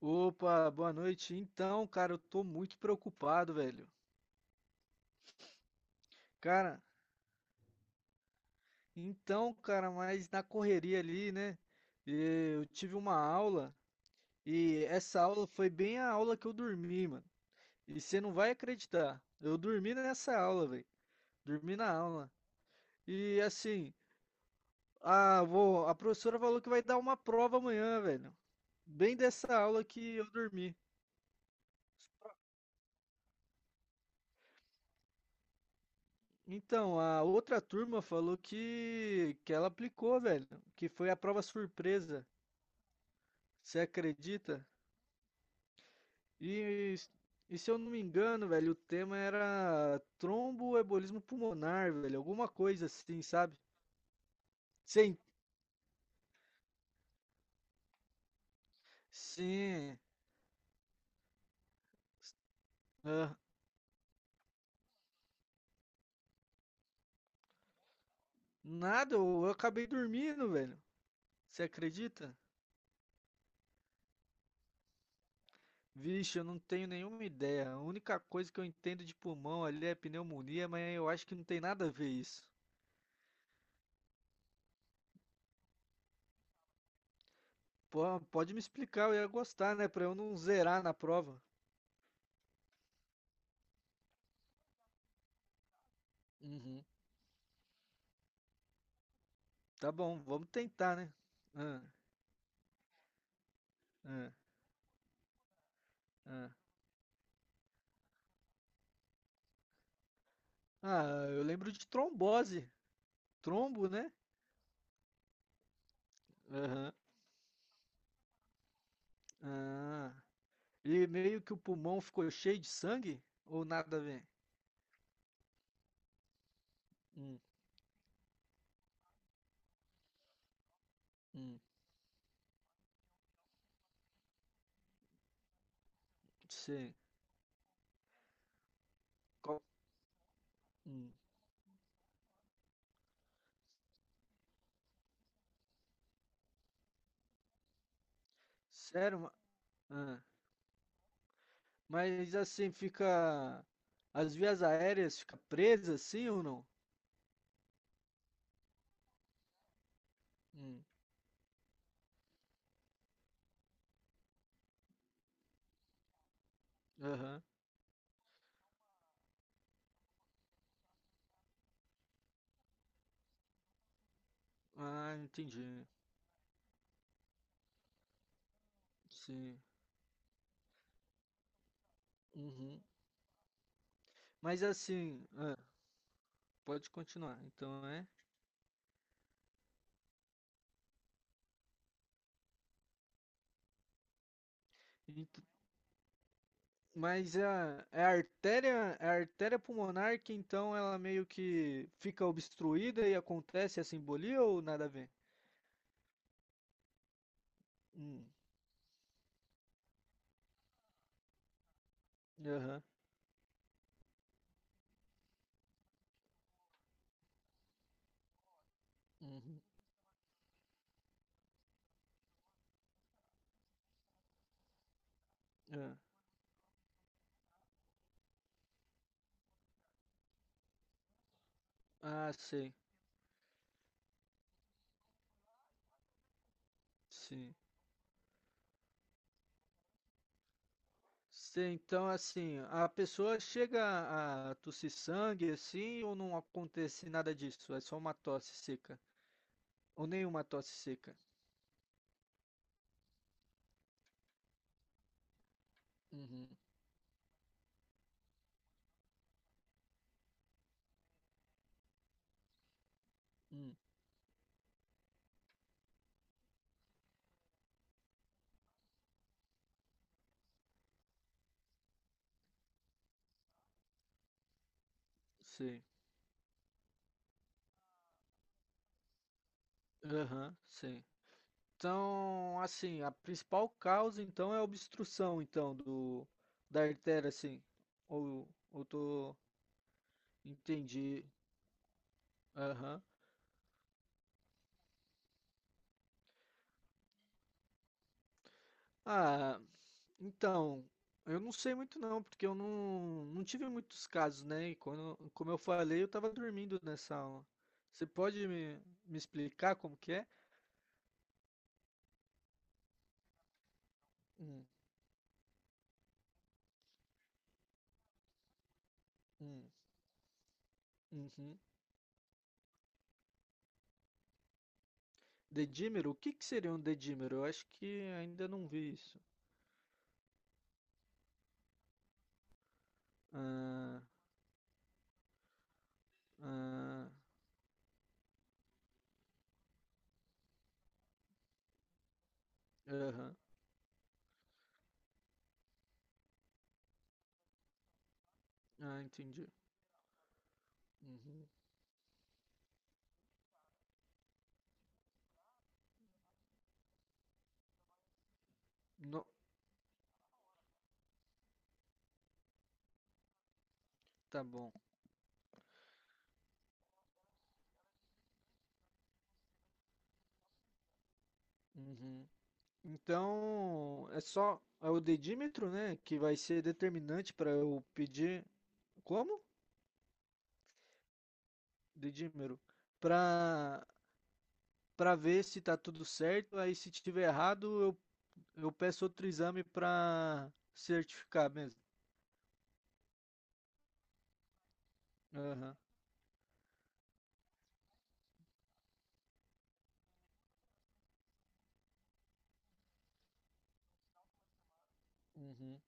Opa, boa noite. Então, cara, eu tô muito preocupado, velho. Cara, então, cara, mas na correria ali, né? Eu tive uma aula e essa aula foi bem a aula que eu dormi, mano. E você não vai acreditar. Eu dormi nessa aula, velho. Dormi na aula. E assim, a professora falou que vai dar uma prova amanhã, velho. Bem dessa aula que eu dormi. Então, a outra turma falou que ela aplicou, velho, que foi a prova surpresa. Você acredita? E, e se eu não me engano, velho, o tema era tromboembolismo pulmonar, velho, alguma coisa assim, sabe? Sim, sim. Ah, nada, eu acabei dormindo, velho. Você acredita? Vixe, eu não tenho nenhuma ideia. A única coisa que eu entendo de pulmão ali é pneumonia, mas eu acho que não tem nada a ver isso. Pô, pode me explicar, eu ia gostar, né? Pra eu não zerar na prova. Uhum. Tá bom, vamos tentar, né? Ah, ah, ah. Ah, eu lembro de trombose. Trombo, né? Aham. Ah, e meio que o pulmão ficou cheio de sangue? Ou nada a ver? Hum, hum, Sim. Qual- hum. Sério? Ah, mas assim, fica. As vias aéreas ficam presas, sim ou não? Hum. Aham. Ah, entendi. Sim. Uhum. Mas assim, pode continuar. Então é. Ent- Mas é a artéria pulmonar que então ela meio que fica obstruída e acontece a embolia ou nada a ver? Hum, aham, uhum, ah, ah, sei, sim. Sei, então assim, a pessoa chega a tossir sangue assim ou não acontece nada disso? É só uma tosse seca. Ou nenhuma tosse seca. Uhum, hum, sei. Aham, sei. Então, assim, a principal causa então é a obstrução então do da artéria assim. Ou tô entendi. Aham. Ah, então, eu não sei muito não, porque eu não, não tive muitos casos, né? E quando, como eu falei, eu tava dormindo nessa aula. Você pode me explicar como que é? Hum, hum, uhum. Dedímero? O que que seria um dedímero? Eu acho que ainda não vi isso. Ah, ah, aham. Ah, entendi. Uhum. No- tá bom. Uhum. Então, é só é o dedímetro, né, que vai ser determinante para eu pedir como? Dedímetro. Para para ver se tá tudo certo, aí se tiver errado, eu peço outro exame para certificar mesmo. Aham. Uhum.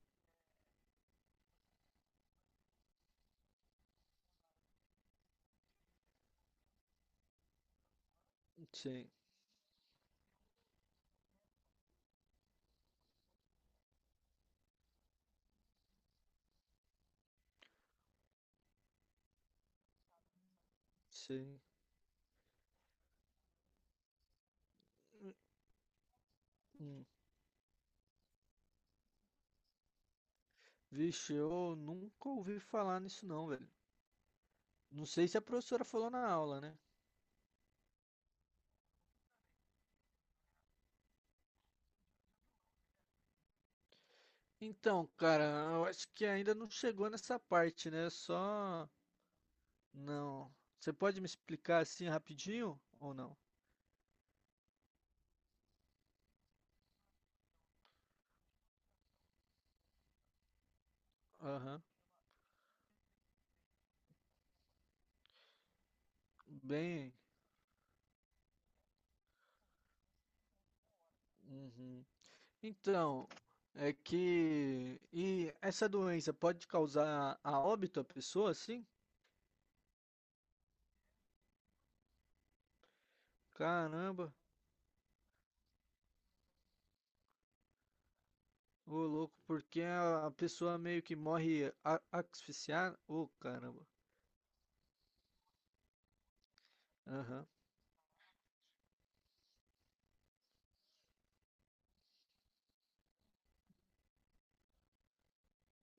Sim, sim. Hum. Vixe, eu nunca ouvi falar nisso não, velho. Não sei se a professora falou na aula, né? Então, cara, eu acho que ainda não chegou nessa parte, né? Só. Não. Você pode me explicar assim rapidinho ou não? Aham. Bem. Uhum. Então, é que. E essa doença pode causar a óbito a pessoa, assim? Caramba, ô louco, porque a pessoa meio que morre asfixiada. Ô caramba. Aham.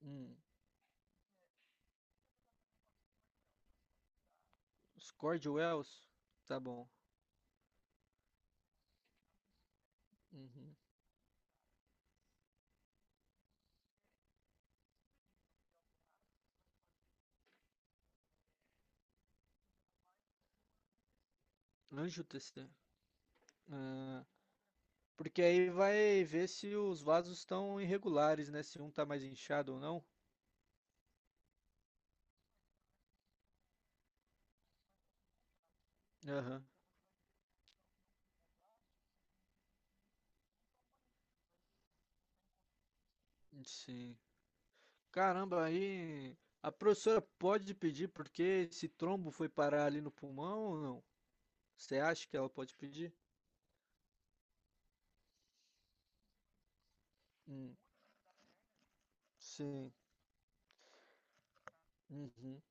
Hum. Os Cord Wells? Tá bom. Uhum. Anjo TC. Porque aí vai ver se os vasos estão irregulares, né? Se um tá mais inchado ou não. Aham, sim. Caramba, aí a professora pode pedir porque esse trombo foi parar ali no pulmão ou não? Você acha que ela pode pedir? Hum, sim. Uhum,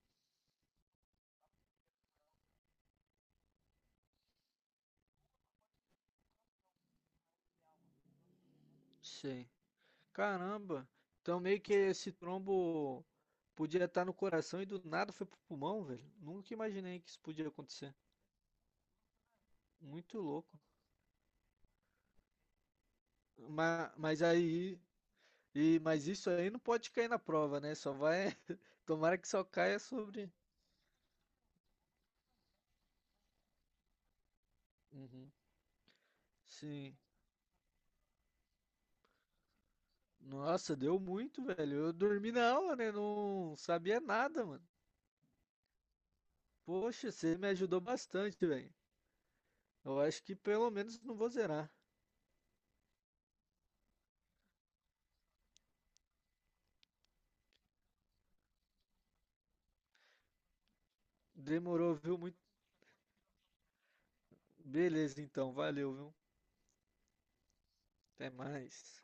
sim. Caramba, então meio que esse trombo podia estar no coração e do nada foi pro pulmão, velho. Nunca imaginei que isso podia acontecer. Muito louco. Mas, mas aí mas isso aí não pode cair na prova, né? Só vai. Tomara que só caia sobre. Uhum. Sim. Nossa, deu muito, velho. Eu dormi na aula, né? Não sabia nada, mano. Poxa, você me ajudou bastante, velho. Eu acho que pelo menos não vou zerar. Demorou, viu? Muito. Beleza, então. Valeu, viu? Até mais.